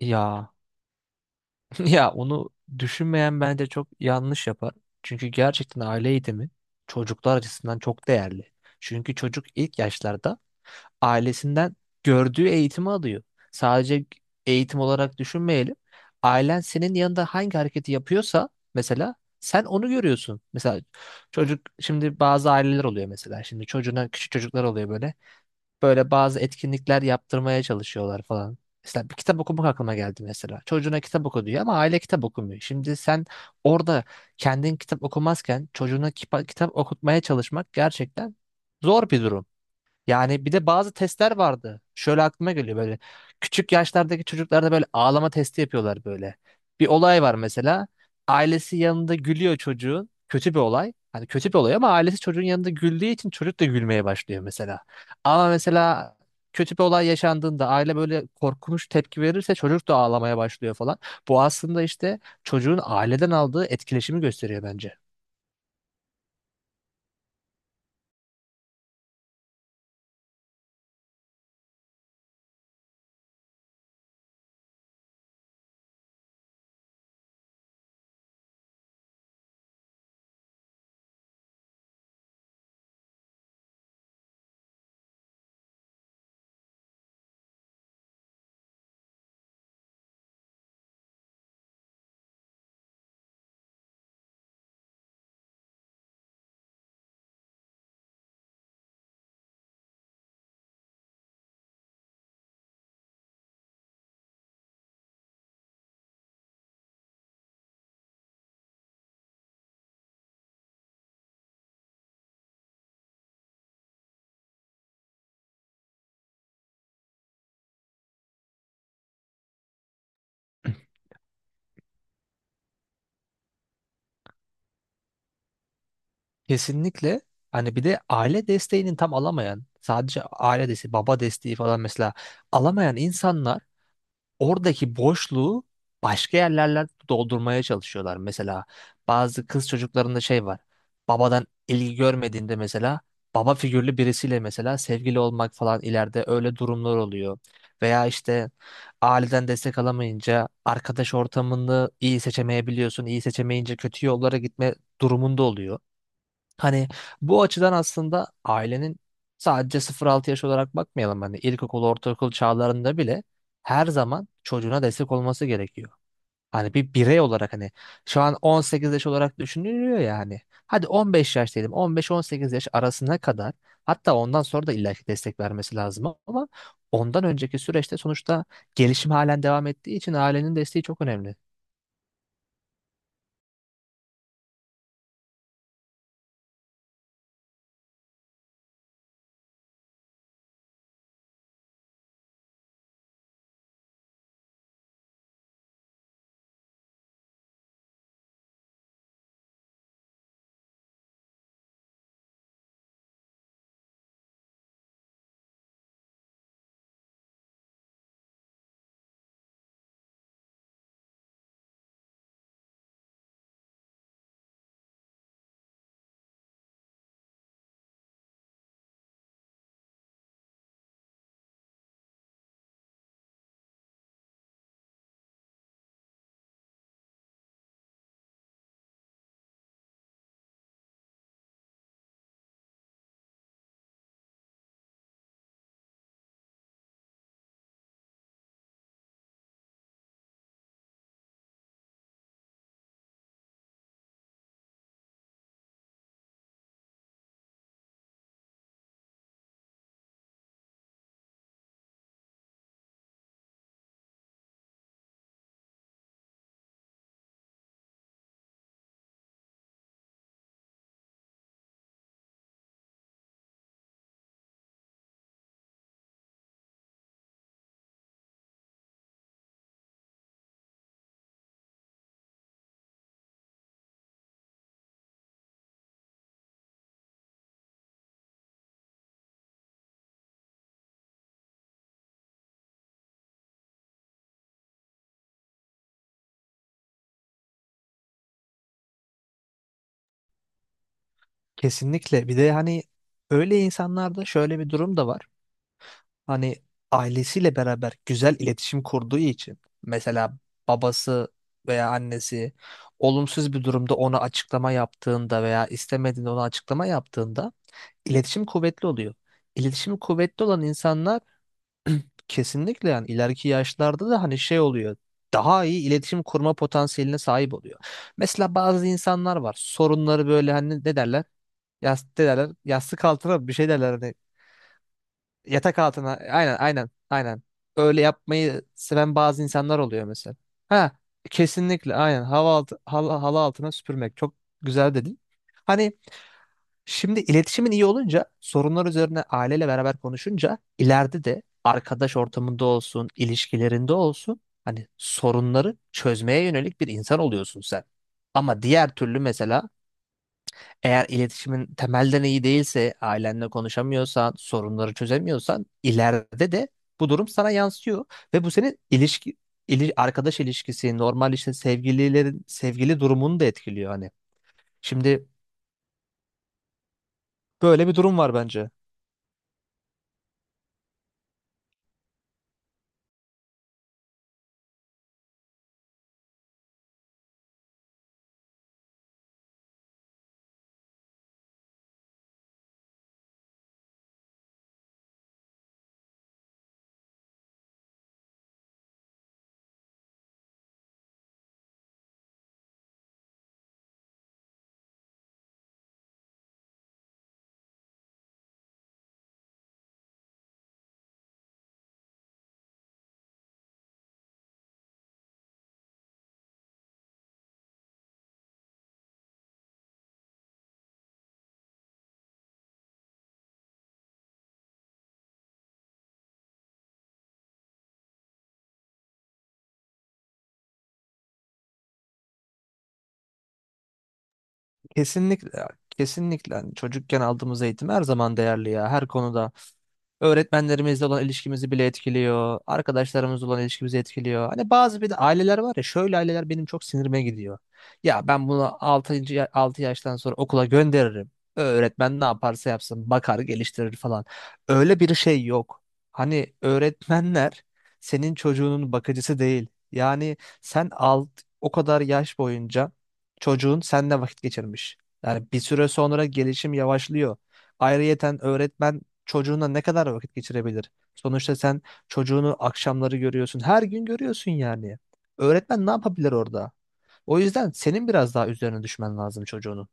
Ya ya onu düşünmeyen bence çok yanlış yapar. Çünkü gerçekten aile eğitimi çocuklar açısından çok değerli. Çünkü çocuk ilk yaşlarda ailesinden gördüğü eğitimi alıyor. Sadece eğitim olarak düşünmeyelim. Ailen senin yanında hangi hareketi yapıyorsa mesela sen onu görüyorsun. Mesela çocuk şimdi bazı aileler oluyor mesela. Şimdi çocuğuna küçük çocuklar oluyor böyle bazı etkinlikler yaptırmaya çalışıyorlar falan. Mesela bir kitap okumak aklıma geldi mesela. Çocuğuna kitap oku diyor ama aile kitap okumuyor. Şimdi sen orada kendin kitap okumazken çocuğuna kitap okutmaya çalışmak gerçekten zor bir durum. Yani bir de bazı testler vardı. Şöyle aklıma geliyor böyle. Küçük yaşlardaki çocuklarda böyle ağlama testi yapıyorlar böyle. Bir olay var mesela. Ailesi yanında gülüyor çocuğun. Kötü bir olay. Hani kötü bir olay ama ailesi çocuğun yanında güldüğü için çocuk da gülmeye başlıyor mesela. Ama mesela kötü bir olay yaşandığında aile böyle korkunç tepki verirse çocuk da ağlamaya başlıyor falan. Bu aslında işte çocuğun aileden aldığı etkileşimi gösteriyor bence. Kesinlikle. Hani bir de aile desteğinin tam alamayan, sadece aile desteği, baba desteği falan mesela alamayan insanlar oradaki boşluğu başka yerlerle doldurmaya çalışıyorlar. Mesela bazı kız çocuklarında şey var. Babadan ilgi görmediğinde mesela baba figürlü birisiyle mesela sevgili olmak falan ileride öyle durumlar oluyor. Veya işte aileden destek alamayınca arkadaş ortamını iyi seçemeyebiliyorsun. İyi seçemeyince kötü yollara gitme durumunda oluyor. Hani bu açıdan aslında ailenin sadece 0-6 yaş olarak bakmayalım. Hani ilkokul, ortaokul çağlarında bile her zaman çocuğuna destek olması gerekiyor. Hani bir birey olarak hani şu an 18 yaş olarak düşünülüyor ya hani. Hadi 15 yaş diyelim. 15-18 yaş arasına kadar hatta ondan sonra da illaki destek vermesi lazım ama ondan önceki süreçte sonuçta gelişim halen devam ettiği için ailenin desteği çok önemli. Kesinlikle. Bir de hani öyle insanlarda şöyle bir durum da var. Hani ailesiyle beraber güzel iletişim kurduğu için mesela babası veya annesi olumsuz bir durumda ona açıklama yaptığında veya istemediğinde ona açıklama yaptığında iletişim kuvvetli oluyor. İletişimi kuvvetli olan insanlar kesinlikle yani ileriki yaşlarda da hani şey oluyor. Daha iyi iletişim kurma potansiyeline sahip oluyor. Mesela bazı insanlar var. Sorunları böyle hani ne derler? Yastık derler. Yastık altına bir şey derler. Hani yatak altına. Aynen, aynen, aynen. Öyle yapmayı seven bazı insanlar oluyor mesela. Ha, kesinlikle aynen. Hava altı, halı altına süpürmek. Çok güzel dedin. Hani şimdi iletişimin iyi olunca sorunlar üzerine aileyle beraber konuşunca ileride de arkadaş ortamında olsun, ilişkilerinde olsun hani sorunları çözmeye yönelik bir insan oluyorsun sen. Ama diğer türlü mesela eğer iletişimin temelden iyi değilse, ailenle konuşamıyorsan, sorunları çözemiyorsan ileride de bu durum sana yansıyor ve bu senin ilişki arkadaş ilişkisi, normal işte sevgililerin sevgili durumunu da etkiliyor hani. Şimdi böyle bir durum var bence. Kesinlikle kesinlikle. Hani çocukken aldığımız eğitim her zaman değerli ya her konuda. Öğretmenlerimizle olan ilişkimizi bile etkiliyor. Arkadaşlarımızla olan ilişkimizi etkiliyor. Hani bazı bir de aileler var ya şöyle aileler benim çok sinirime gidiyor. Ya ben bunu 6. 6 yaştan sonra okula gönderirim. Öğretmen ne yaparsa yapsın bakar geliştirir falan. Öyle bir şey yok. Hani öğretmenler senin çocuğunun bakıcısı değil. Yani sen alt o kadar yaş boyunca çocuğun seninle vakit geçirmiş. Yani bir süre sonra gelişim yavaşlıyor. Ayrıyeten öğretmen çocuğuna ne kadar vakit geçirebilir? Sonuçta sen çocuğunu akşamları görüyorsun. Her gün görüyorsun yani. Öğretmen ne yapabilir orada? O yüzden senin biraz daha üzerine düşmen lazım çocuğunun.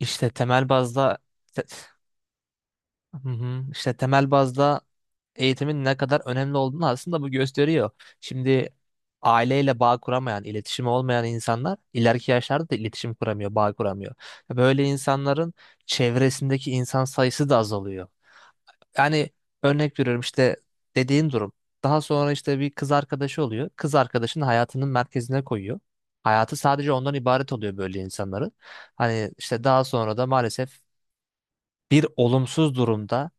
İşte temel bazda te- hı hı. işte temel bazda eğitimin ne kadar önemli olduğunu aslında bu gösteriyor. Şimdi aileyle bağ kuramayan, iletişimi olmayan insanlar ileriki yaşlarda da iletişim kuramıyor, bağ kuramıyor. Böyle insanların çevresindeki insan sayısı da azalıyor. Yani örnek veriyorum işte dediğin durum. Daha sonra işte bir kız arkadaşı oluyor. Kız arkadaşını hayatının merkezine koyuyor. Hayatı sadece ondan ibaret oluyor böyle insanların. Hani işte daha sonra da maalesef bir olumsuz durumda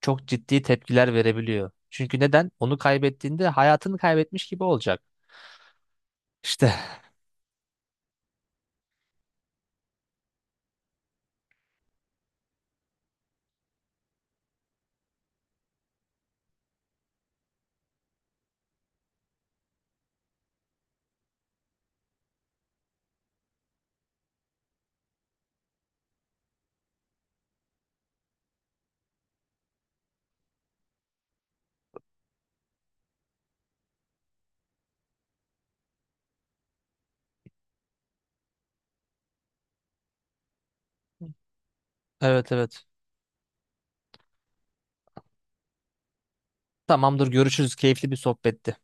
çok ciddi tepkiler verebiliyor. Çünkü neden? Onu kaybettiğinde hayatını kaybetmiş gibi olacak. İşte evet, evet. Tamamdır, görüşürüz. Keyifli bir sohbetti.